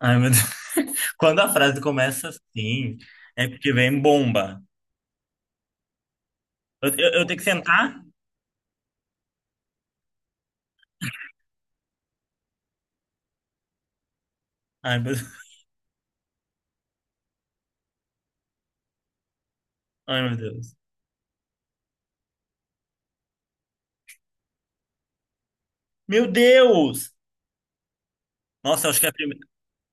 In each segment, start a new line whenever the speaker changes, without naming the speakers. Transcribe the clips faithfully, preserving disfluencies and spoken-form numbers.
Ai, meu Deus. Quando a frase começa assim, é porque vem bomba. Eu, eu, eu tenho que sentar? Ai, meu Deus. Ai, meu Deus. Meu Deus! Nossa, acho que é a prime-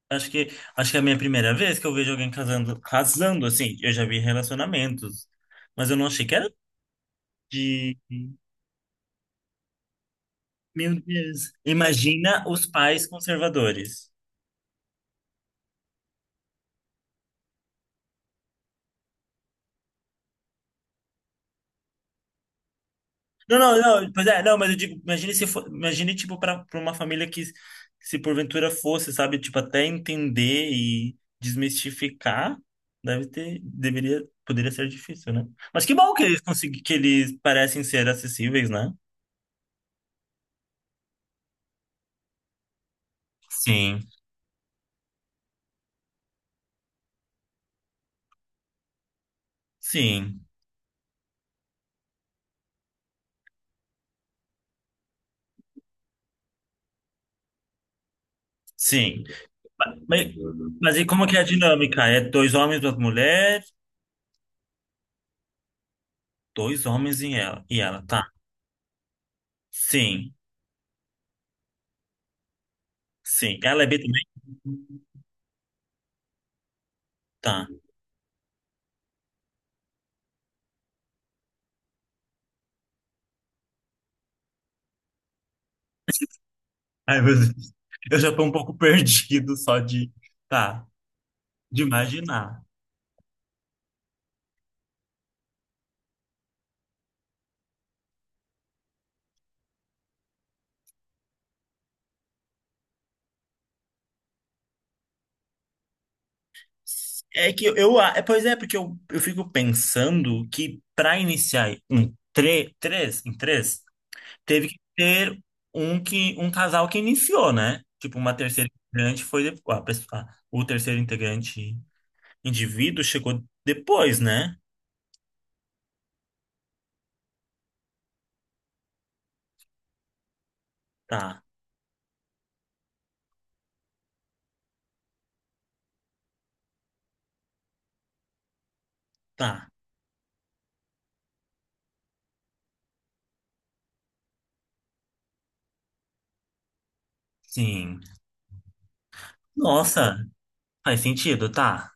acho que, acho que é a minha primeira vez que eu vejo alguém casando, casando assim. Eu já vi relacionamentos, mas eu não achei que era de. Meu Deus. Imagina os pais conservadores. Não, não, não, pois é, não, mas eu digo, imagine se for, imagine, tipo, para uma família que, se porventura fosse, sabe, tipo, até entender e desmistificar, deve ter, deveria, poderia ser difícil, né? Mas que bom que eles consegui, que eles parecem ser acessíveis, né? Sim. Sim, sim. Mas, mas e como que é a dinâmica? É dois homens, duas mulheres, dois homens e ela, e ela, tá. Sim, sim. Ela é B também? Tá? Ai, meu Deus. Eu já tô um pouco perdido só de, tá, de imaginar. É que eu, a- é, pois é, porque eu, eu fico pensando que para iniciar um tre, três, em três, teve que ter um que um casal que iniciou, né? Tipo, uma terceira integrante foi depois, a pessoa, o terceiro integrante indivíduo chegou depois, né? Tá, tá. Sim. Nossa, faz sentido, tá?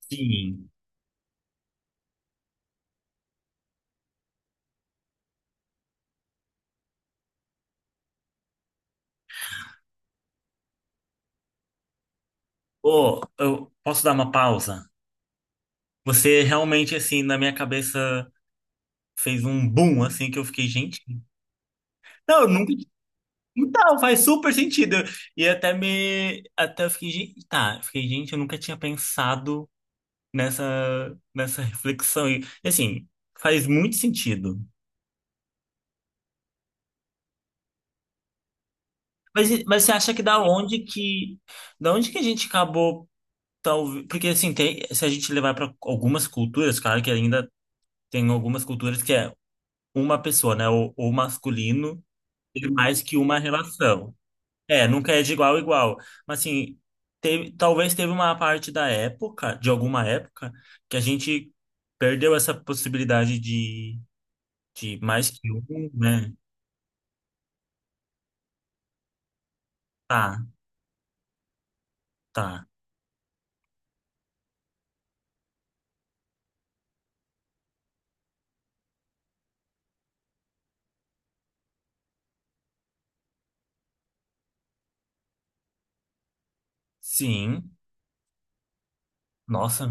Sim. Ô, eu posso dar uma pausa? Você realmente, assim, na minha cabeça fez um boom, assim, que eu fiquei, gente. Não, eu nunca. Então, faz super sentido. E até me. Até eu fiquei, gente. Tá, eu fiquei, gente, eu nunca tinha pensado nessa, nessa reflexão. E, assim, faz muito sentido. Mas, mas você acha que da onde que. Da onde que a gente acabou. Talvez, porque, assim, tem, se a gente levar para algumas culturas, claro que ainda tem algumas culturas que é uma pessoa, né? O, o masculino tem mais que uma relação. É, nunca é de igual a igual. Mas assim, teve, talvez teve uma parte da época, de alguma época, que a gente perdeu essa possibilidade de, de mais que um, né? Tá, tá. Sim. Nossa.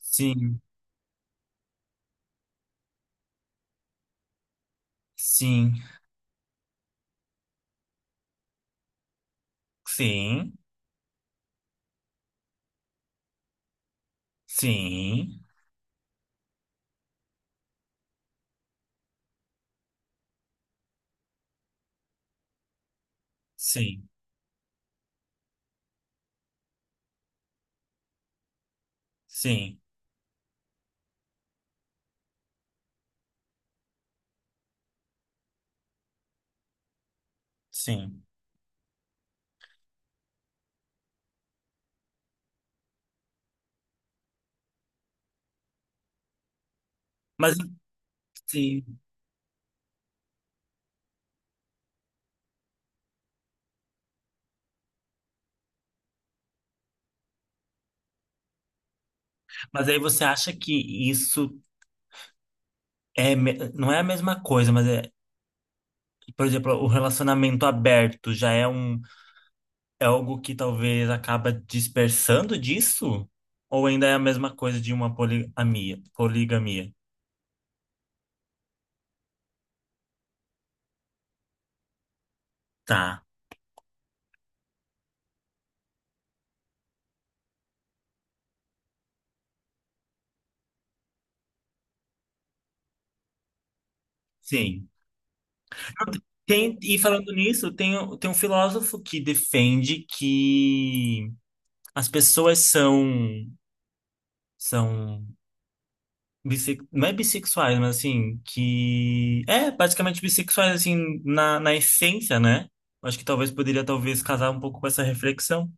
Sim, sim, sim, sim, sim, sim, sim. Mas sim, mas aí você acha que isso é, me- não é a mesma coisa, mas é, por exemplo, o relacionamento aberto já é um. É algo que talvez acaba dispersando disso? Ou ainda é a mesma coisa de uma poligamia? Poligamia. Tá, sim. Tem, e falando nisso, tem, tem um filósofo que defende que as pessoas são, são bisse- não é bissexuais, mas assim, que é basicamente bissexuais, assim, na, na essência, né? Eu acho que talvez poderia, talvez, casar um pouco com essa reflexão.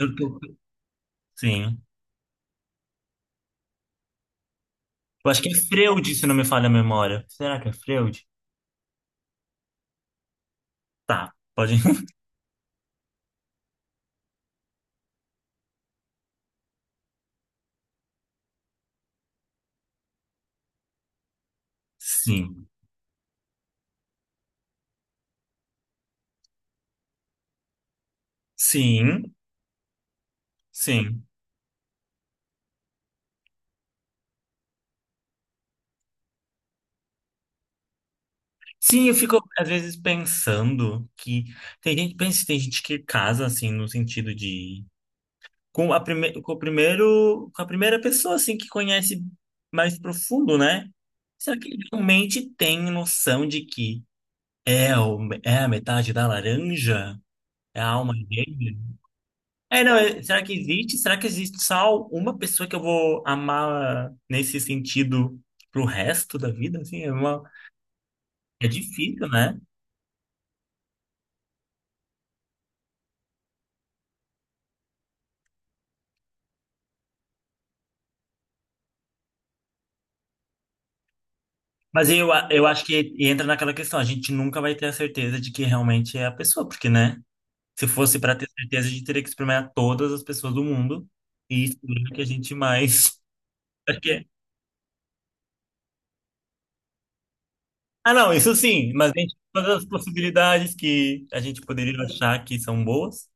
Eu tô- Sim. Eu acho que é Freud, se não me falha a memória. Será que é Freud? Tá, pode. Sim. Sim, sim. Sim, eu fico às vezes pensando que tem gente, pensa, tem gente que casa assim no sentido de com a prime... com o primeiro, com a primeira pessoa assim que conhece mais profundo, né? Será que ele realmente tem noção de que é, o... é a metade da laranja? É a alma dele? É, não, é- será que existe? Será que existe só uma pessoa que eu vou amar nesse sentido pro resto da vida? Assim, é uma... é difícil, né? Mas eu, a- eu acho que entra naquela questão, a gente nunca vai ter a certeza de que realmente é a pessoa, porque, né? Se fosse para ter certeza, a gente teria que experimentar todas as pessoas do mundo e escolher a que a gente mais porque- ah, não, isso sim, mas a gente todas as possibilidades que a gente poderia achar que são boas.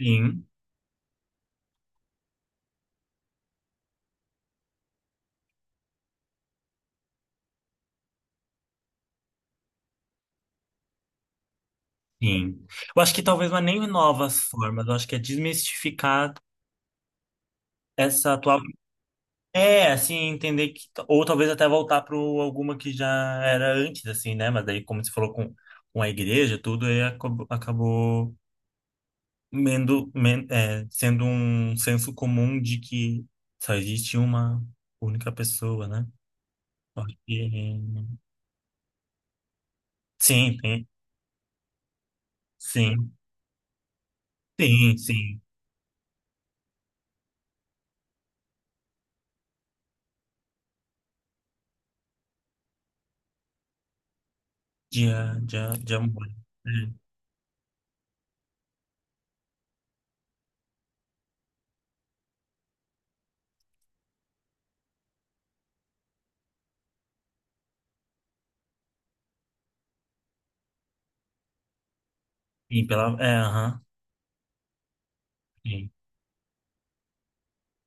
Sim, sim. Eu acho que talvez não é nem novas formas, eu acho que é desmistificar essa atual. É, assim, entender que. Ou talvez até voltar para alguma que já era antes, assim, né? Mas daí, como você falou com, com a igreja, tudo aí acabou, acabou mendo- men- é, sendo um senso comum de que só existe uma única pessoa, né? Porque, sim, tem, sim, sim, sim, de, de, de amor. É, sim, pela, é, aham, sim,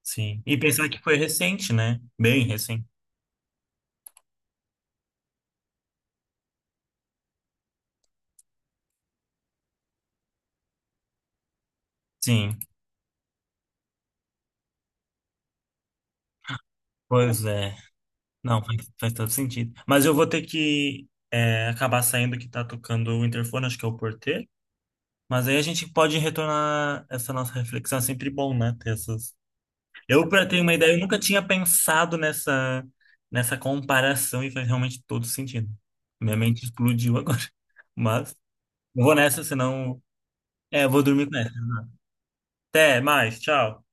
sim. E pensar que foi recente, né? Bem recente. Sim, pois é. Não, faz, faz todo sentido. Mas eu vou ter que é, acabar saindo que tá tocando o interfone, acho que é o porteiro. Mas aí a gente pode retornar essa nossa reflexão. É sempre bom, né? Ter essas. Eu, para ter uma ideia, eu nunca tinha pensado nessa, nessa comparação e faz realmente todo sentido. Minha mente explodiu agora. Mas vou nessa, senão. É, eu vou dormir com essa. Até mais, tchau.